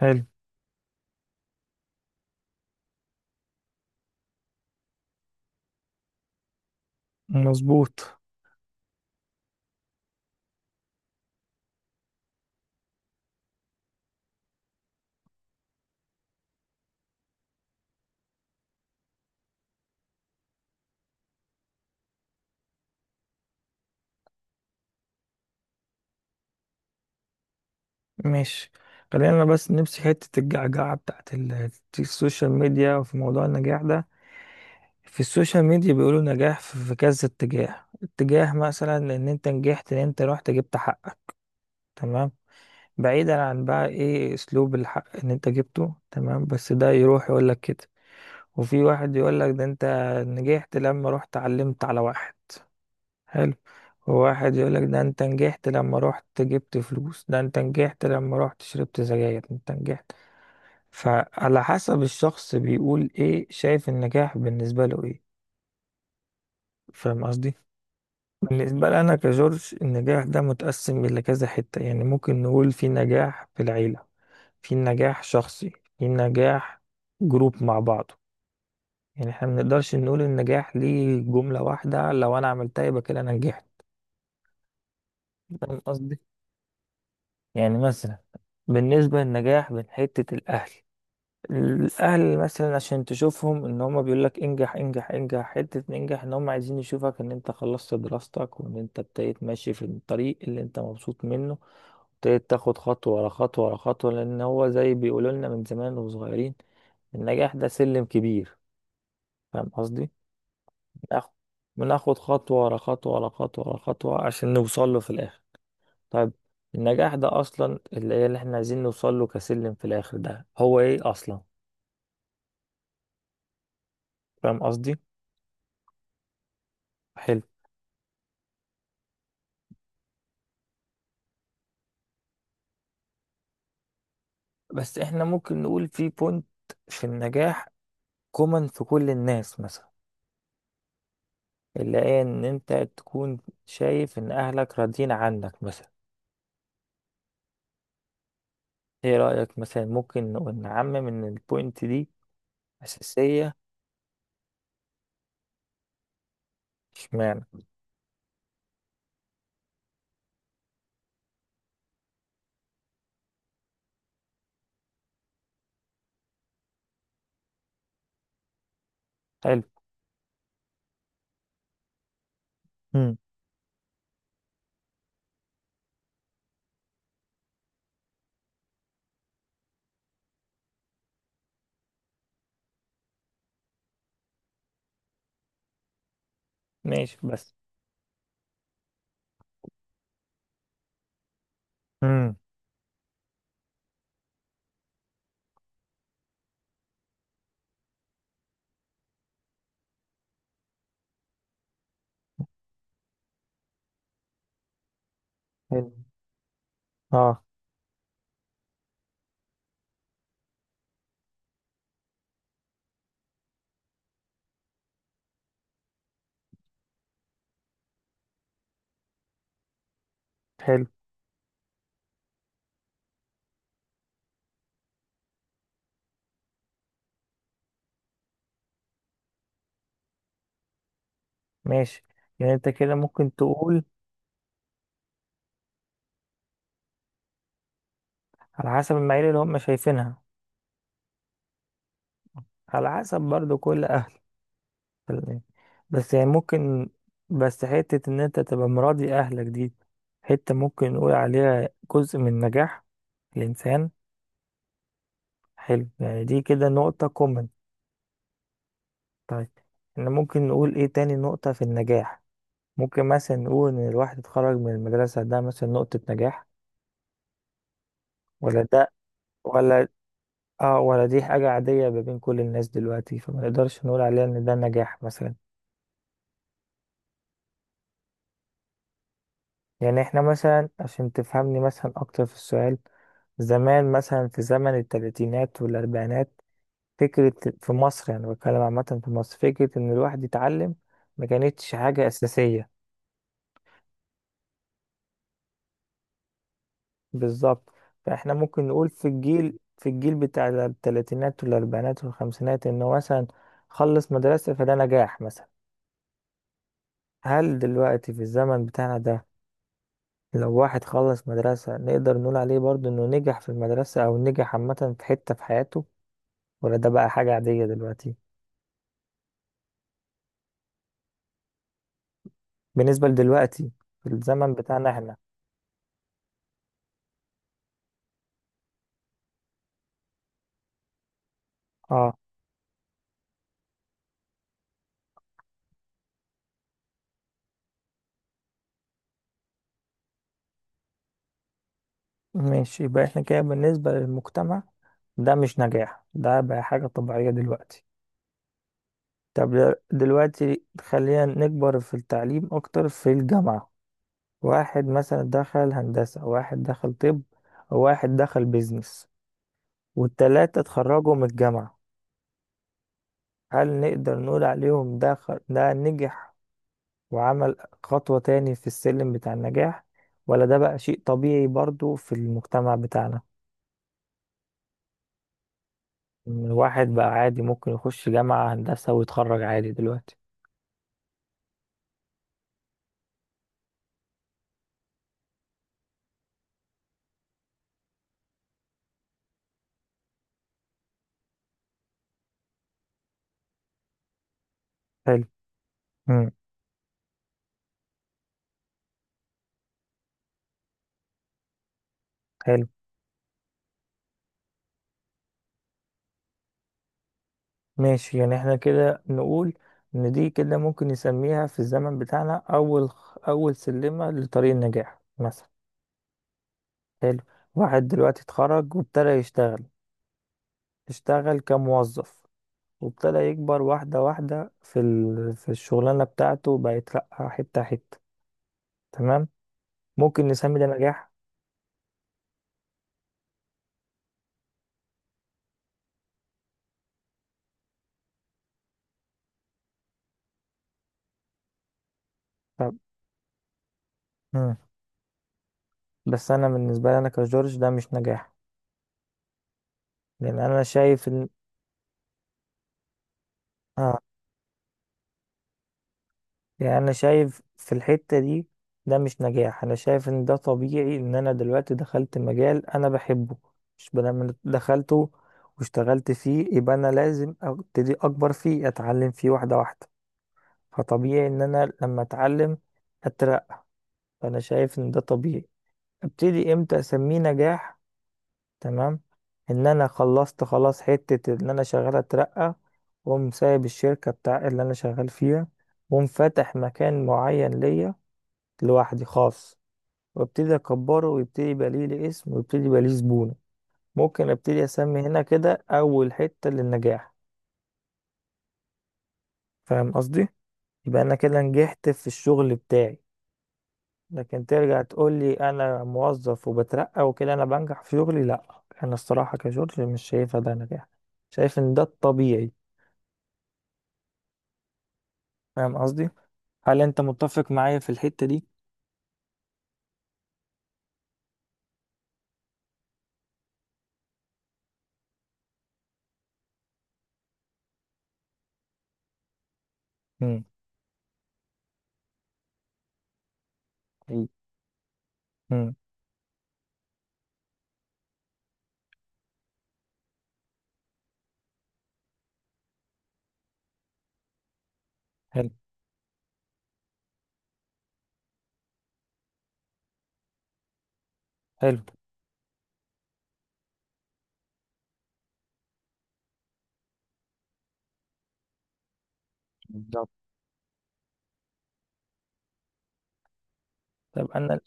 حلو. مظبوط. ماشي. خلينا بس نمسك حتة الجعجعة بتاعت السوشيال ميديا وفي موضوع النجاح ده. في السوشيال ميديا بيقولوا نجاح في كذا اتجاه، مثلا ان انت نجحت، ان انت رحت جبت حقك، تمام. بعيدا عن بقى ايه اسلوب الحق ان انت جبته، تمام، بس ده يروح يقول لك كده. وفي واحد يقول لك ده انت نجحت لما رحت علمت على واحد. حلو. وواحد يقولك ده انت نجحت لما رحت جبت فلوس، ده انت نجحت لما رحت شربت سجاير، انت نجحت. فعلى حسب الشخص بيقول ايه، شايف النجاح بالنسبة له ايه. فاهم قصدي؟ بالنسبة لي انا كجورج، النجاح ده متقسم الى كذا حتة. يعني ممكن نقول في نجاح في العيلة، في نجاح شخصي، في نجاح جروب مع بعضه. يعني احنا منقدرش نقول النجاح ليه جملة واحدة، لو انا عملتها يبقى كده انا نجحت. فاهم قصدي؟ يعني مثلا، بالنسبة للنجاح من حتة الأهل، الأهل مثلا، عشان تشوفهم إن هما بيقولك انجح انجح انجح حتة انجح، إن هما عايزين يشوفك إن أنت خلصت دراستك وإن أنت ابتديت ماشي في الطريق اللي أنت مبسوط منه، ابتديت تاخد خطوة ورا خطوة ورا خطوة، لأن هو زي بيقولوا لنا من زمان وصغيرين، النجاح ده سلم كبير. فاهم قصدي؟ بناخد بناخد خطوة ورا خطوة ورا خطوة ورا خطوة عشان نوصل له في الآخر. طيب، النجاح ده اصلا اللي هي اللي احنا عايزين نوصل له كسلم في الاخر ده هو ايه اصلا. فاهم قصدي؟ حلو. بس احنا ممكن نقول في بوينت في النجاح كومن في كل الناس، مثلا، اللي هي ان انت تكون شايف ان اهلك راضيين عنك مثلا. ايه رأيك؟ مثلا ممكن نقول نعمم ان البوينت دي اساسية. اشمعنى. حلو. مم. ماشي بس. مم. حلو. اه. حلو. ماشي، يعني انت كده ممكن تقول على حسب المعايير اللي هم شايفينها، على حسب برضو كل اهل يعني. بس يعني ممكن، بس حتة ان انت تبقى مراضي اهلك دي حتة ممكن نقول عليها جزء من نجاح الانسان. حلو، يعني دي كده نقطة كومن. طيب، احنا ممكن نقول ايه تاني نقطة في النجاح؟ ممكن مثلا نقول ان الواحد اتخرج من المدرسة ده مثلا نقطة نجاح، ولا ده، ولا اه، ولا دي حاجة عادية ما بين كل الناس دلوقتي فما نقدرش نقول عليها ان ده نجاح مثلا. يعني احنا مثلا، عشان تفهمني مثلا اكتر في السؤال، زمان مثلا في زمن التلاتينات والاربعينات، فكرة في مصر، يعني بتكلم عامة في مصر، فكرة ان الواحد يتعلم ما كانتش حاجة اساسية. بالظبط. فاحنا ممكن نقول في الجيل بتاع التلاتينات والاربعينات والخمسينات انه مثلا خلص مدرسة فده نجاح مثلا. هل دلوقتي في الزمن بتاعنا ده، لو واحد خلص مدرسة، نقدر نقول عليه برضه انه نجح في المدرسة او نجح عامة في حتة في حياته؟ ولا ده بقى حاجة عادية دلوقتي؟ بالنسبة لدلوقتي في الزمن بتاعنا احنا. اه. ماشي، يبقى احنا كده بالنسبة للمجتمع ده مش نجاح، ده بقى حاجة طبيعية دلوقتي. طب، دلوقتي خلينا نكبر في التعليم أكتر، في الجامعة. واحد مثلا دخل هندسة، واحد دخل طب، وواحد دخل بيزنس، والتلاتة اتخرجوا من الجامعة. هل نقدر نقول عليهم ده ده نجح وعمل خطوة تاني في السلم بتاع النجاح؟ ولا ده بقى شيء طبيعي برضو في المجتمع بتاعنا، إن الواحد بقى عادي ممكن يخش جامعة هندسة ويتخرج عادي دلوقتي؟ حلو. مم. حلو. ماشي، يعني احنا كده نقول إن دي كده ممكن نسميها في الزمن بتاعنا أول سلمة لطريق النجاح مثلا. حلو. واحد دلوقتي اتخرج وابتدى يشتغل، اشتغل كموظف، وابتدى يكبر واحدة واحدة في الشغلانة بتاعته، بقى يترقى حتة حتة، تمام. ممكن نسمي ده نجاح. طب. مم. بس انا بالنسبه لي انا كجورج ده مش نجاح، لان انا شايف ان اه. يعني انا شايف في الحته دي ده مش نجاح، انا شايف ان ده طبيعي، ان انا دلوقتي دخلت مجال انا بحبه. مش لما دخلته واشتغلت فيه يبقى انا لازم ابتدي اكبر فيه، اتعلم فيه واحده واحده. فطبيعي ان انا لما اتعلم اترقى، فانا شايف ان ده طبيعي. ابتدي امتى اسميه نجاح؟ تمام، ان انا خلصت خلاص حتة، ان انا شغال اترقى، واقوم سايب الشركة بتاع اللي انا شغال فيها، واقوم فاتح مكان معين ليا لوحدي خاص، وابتدي اكبره ويبتدي يبقى ليه اسم، ويبتدي يبقى ليه زبون. ممكن ابتدي اسمي هنا كده اول حتة للنجاح. فاهم قصدي؟ يبقى انا كده نجحت في الشغل بتاعي. لكن ترجع تقول لي انا موظف وبترقى وكده انا بنجح في شغلي، لا انا الصراحة كشغل مش شايفها ده نجاح، شايف ان ده الطبيعي. فاهم قصدي؟ هل انت متفق معايا في الحتة دي؟ مم. إيه. مم. حلو. حلو. بالظبط. طب انا.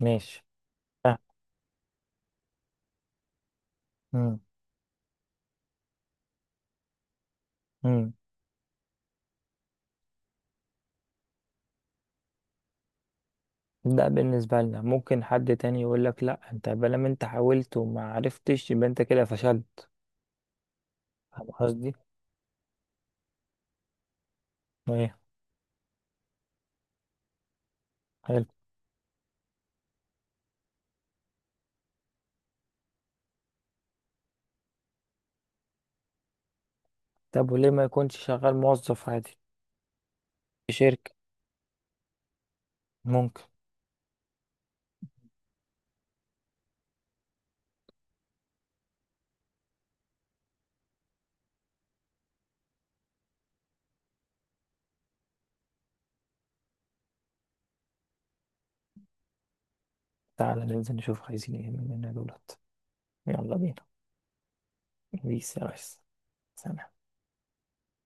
ماشي. آه. مم. مم. ده بالنسبة لنا، ممكن حد تاني يقول لك لا انت بلام، انت حاولت وما عرفتش يبقى انت كده فشلت. فاهم قصدي؟ ايه. حلو. طب وليه ما يكونش شغال موظف عادي في شركة؟ ممكن. تعالى ننزل نشوف عايزين ايه مننا دولت. يلا بينا. بيس يا ريس. سلام.